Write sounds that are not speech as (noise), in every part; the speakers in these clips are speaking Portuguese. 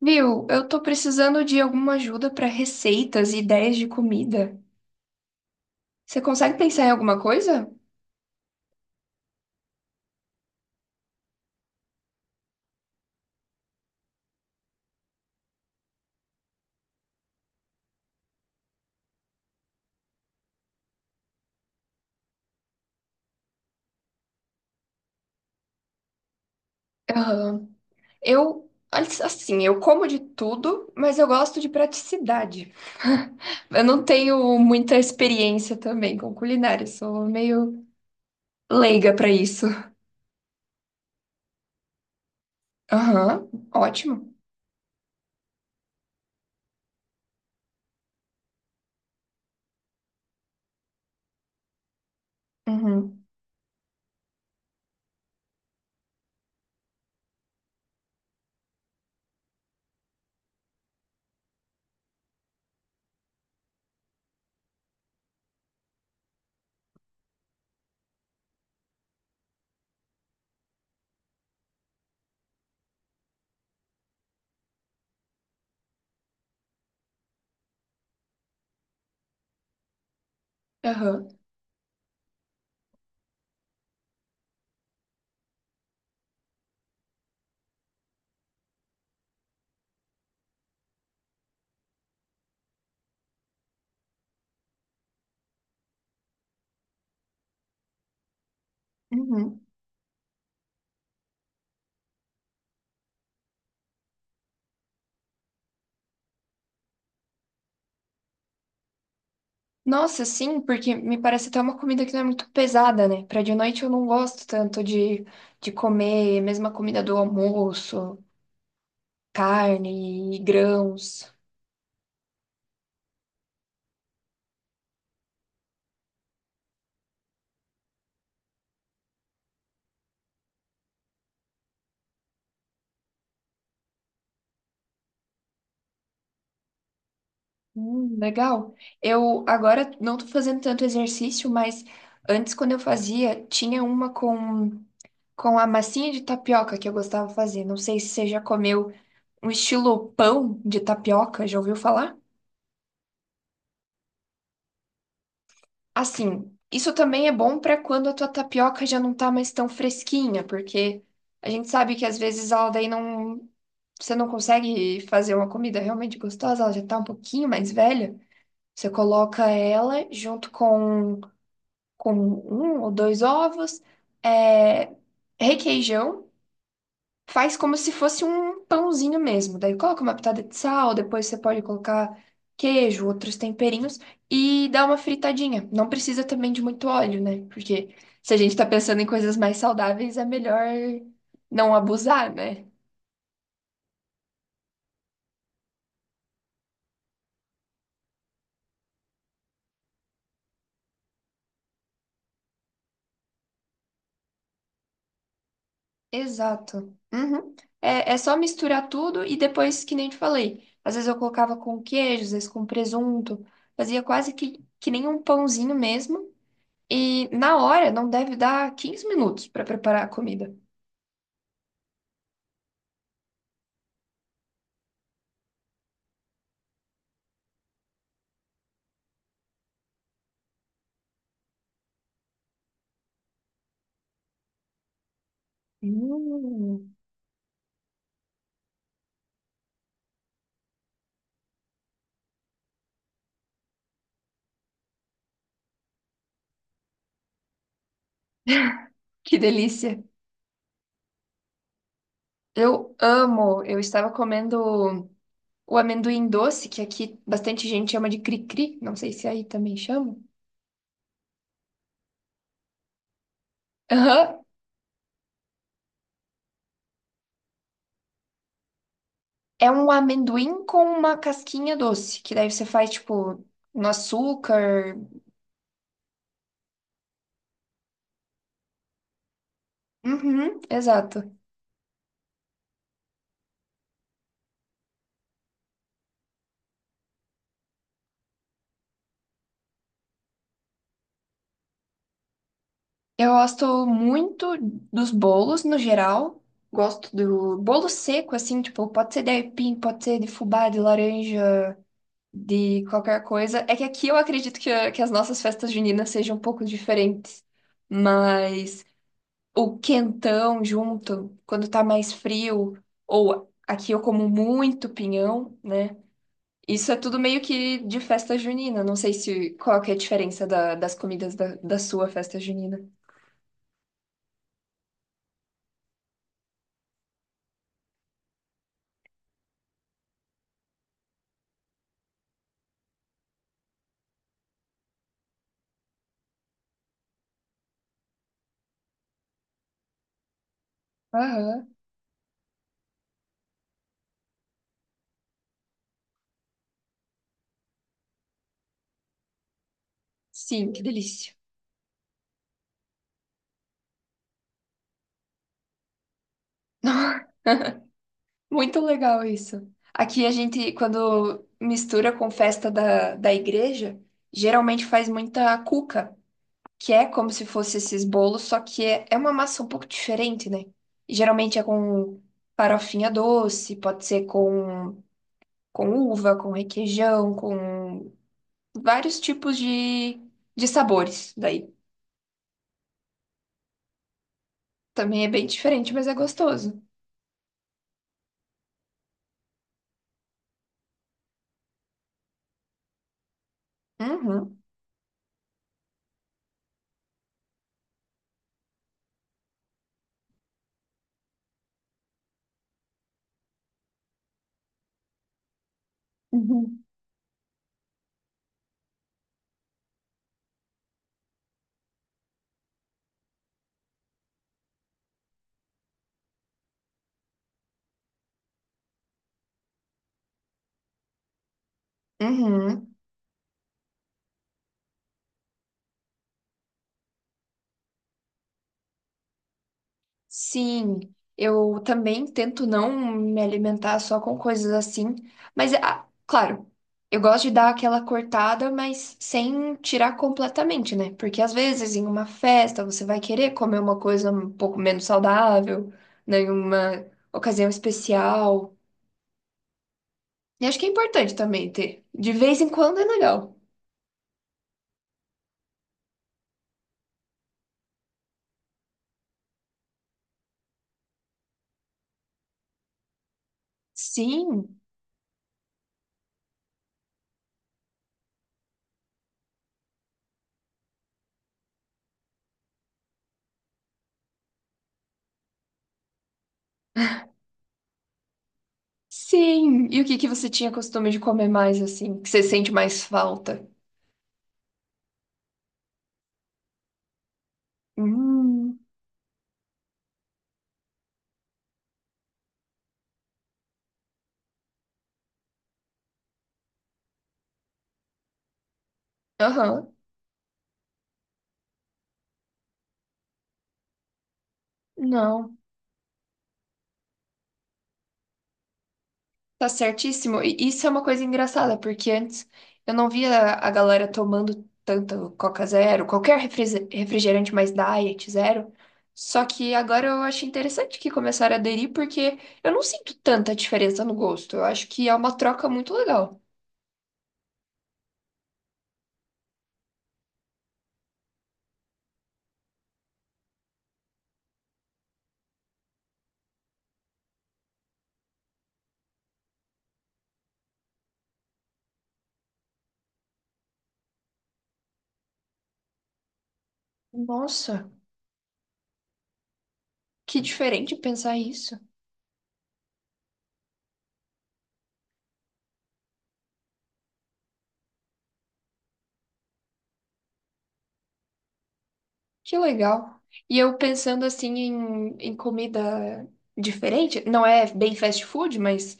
Viu, eu tô precisando de alguma ajuda pra receitas e ideias de comida. Você consegue pensar em alguma coisa? Aham. Eu, assim, eu como de tudo, mas eu gosto de praticidade. Eu não tenho muita experiência também com culinária, sou meio leiga pra isso. Aham, ótimo. Uhum, aham, uhum. Nossa, sim, porque me parece até uma comida que não é muito pesada, né? Pra de noite eu não gosto tanto de comer mesma comida do almoço, carne, e grãos. Legal. Eu agora não tô fazendo tanto exercício, mas antes, quando eu fazia, tinha uma com a massinha de tapioca que eu gostava de fazer. Não sei se você já comeu um estilo pão de tapioca, já ouviu falar? Assim, isso também é bom para quando a tua tapioca já não tá mais tão fresquinha, porque a gente sabe que às vezes ela daí não, você não consegue fazer uma comida realmente gostosa, ela já tá um pouquinho mais velha. Você coloca ela com um ou dois ovos, é, requeijão, faz como se fosse um pãozinho mesmo. Daí coloca uma pitada de sal, depois você pode colocar queijo, outros temperinhos e dá uma fritadinha. Não precisa também de muito óleo, né? Porque se a gente tá pensando em coisas mais saudáveis, é melhor não abusar, né? Exato. Uhum. É, é só misturar tudo e depois, que nem te falei, às vezes eu colocava com queijo, às vezes com presunto, fazia quase que nem um pãozinho mesmo. E na hora, não deve dar 15 minutos para preparar a comida. Hum, que delícia! Eu amo! Eu estava comendo o amendoim doce, que aqui bastante gente chama de cri-cri, não sei se aí também chama. É um amendoim com uma casquinha doce, que daí você faz, tipo, no açúcar. Uhum, exato. Eu gosto muito dos bolos, no geral. Gosto do bolo seco, assim, tipo, pode ser de aipim, pode ser de fubá, de laranja, de qualquer coisa. É que aqui eu acredito que as nossas festas juninas sejam um pouco diferentes. Mas o quentão junto, quando tá mais frio, ou aqui eu como muito pinhão, né? Isso é tudo meio que de festa junina. Não sei se qual que é a diferença da- das comidas da, da sua festa junina. Aham. Sim, que delícia. (laughs) Muito legal isso. Aqui a gente, quando mistura com festa da, da igreja, geralmente faz muita cuca, que é como se fosse esses bolos, só que é uma massa um pouco diferente, né? E geralmente é com farofinha doce, pode ser com uva, com requeijão, com vários tipos de sabores daí. Também é bem diferente, mas é gostoso. Uhum. Uhum. Uhum. Sim, eu também tento não me alimentar só com coisas assim, mas ah, claro, eu gosto de dar aquela cortada, mas sem tirar completamente, né? Porque às vezes em uma festa você vai querer comer uma coisa um pouco menos saudável, né? Em uma ocasião especial. E acho que é importante também ter. De vez em quando é legal. Sim, sim. E o que que você tinha costume de comer mais assim? Que você sente mais falta? Hum, aham. Não, tá certíssimo. E isso é uma coisa engraçada, porque antes eu não via a galera tomando tanto Coca Zero, qualquer refri- refrigerante mais diet, zero. Só que agora eu acho interessante que começaram a aderir, porque eu não sinto tanta diferença no gosto. Eu acho que é uma troca muito legal. Nossa, que diferente pensar isso. Que legal. E eu pensando assim em comida diferente, não é bem fast food, mas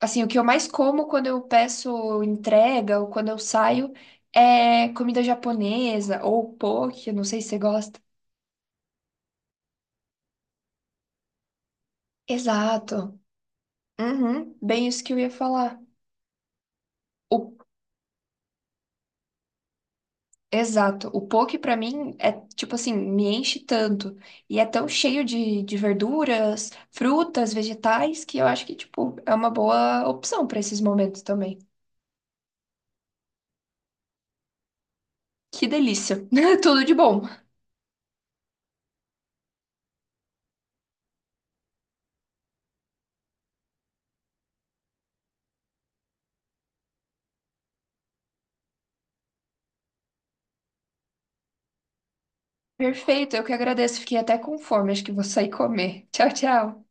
assim, o que eu mais como quando eu peço entrega ou quando eu saio é comida japonesa ou poke, eu não sei se você gosta. Exato. Uhum, bem isso que eu ia falar. O, exato. O poke pra mim é tipo assim, me enche tanto e é tão cheio de verduras, frutas, vegetais que eu acho que tipo é uma boa opção pra esses momentos também. Que delícia. (laughs) Tudo de bom. Perfeito, eu que agradeço. Fiquei até com fome. Acho que vou sair comer. Tchau, tchau.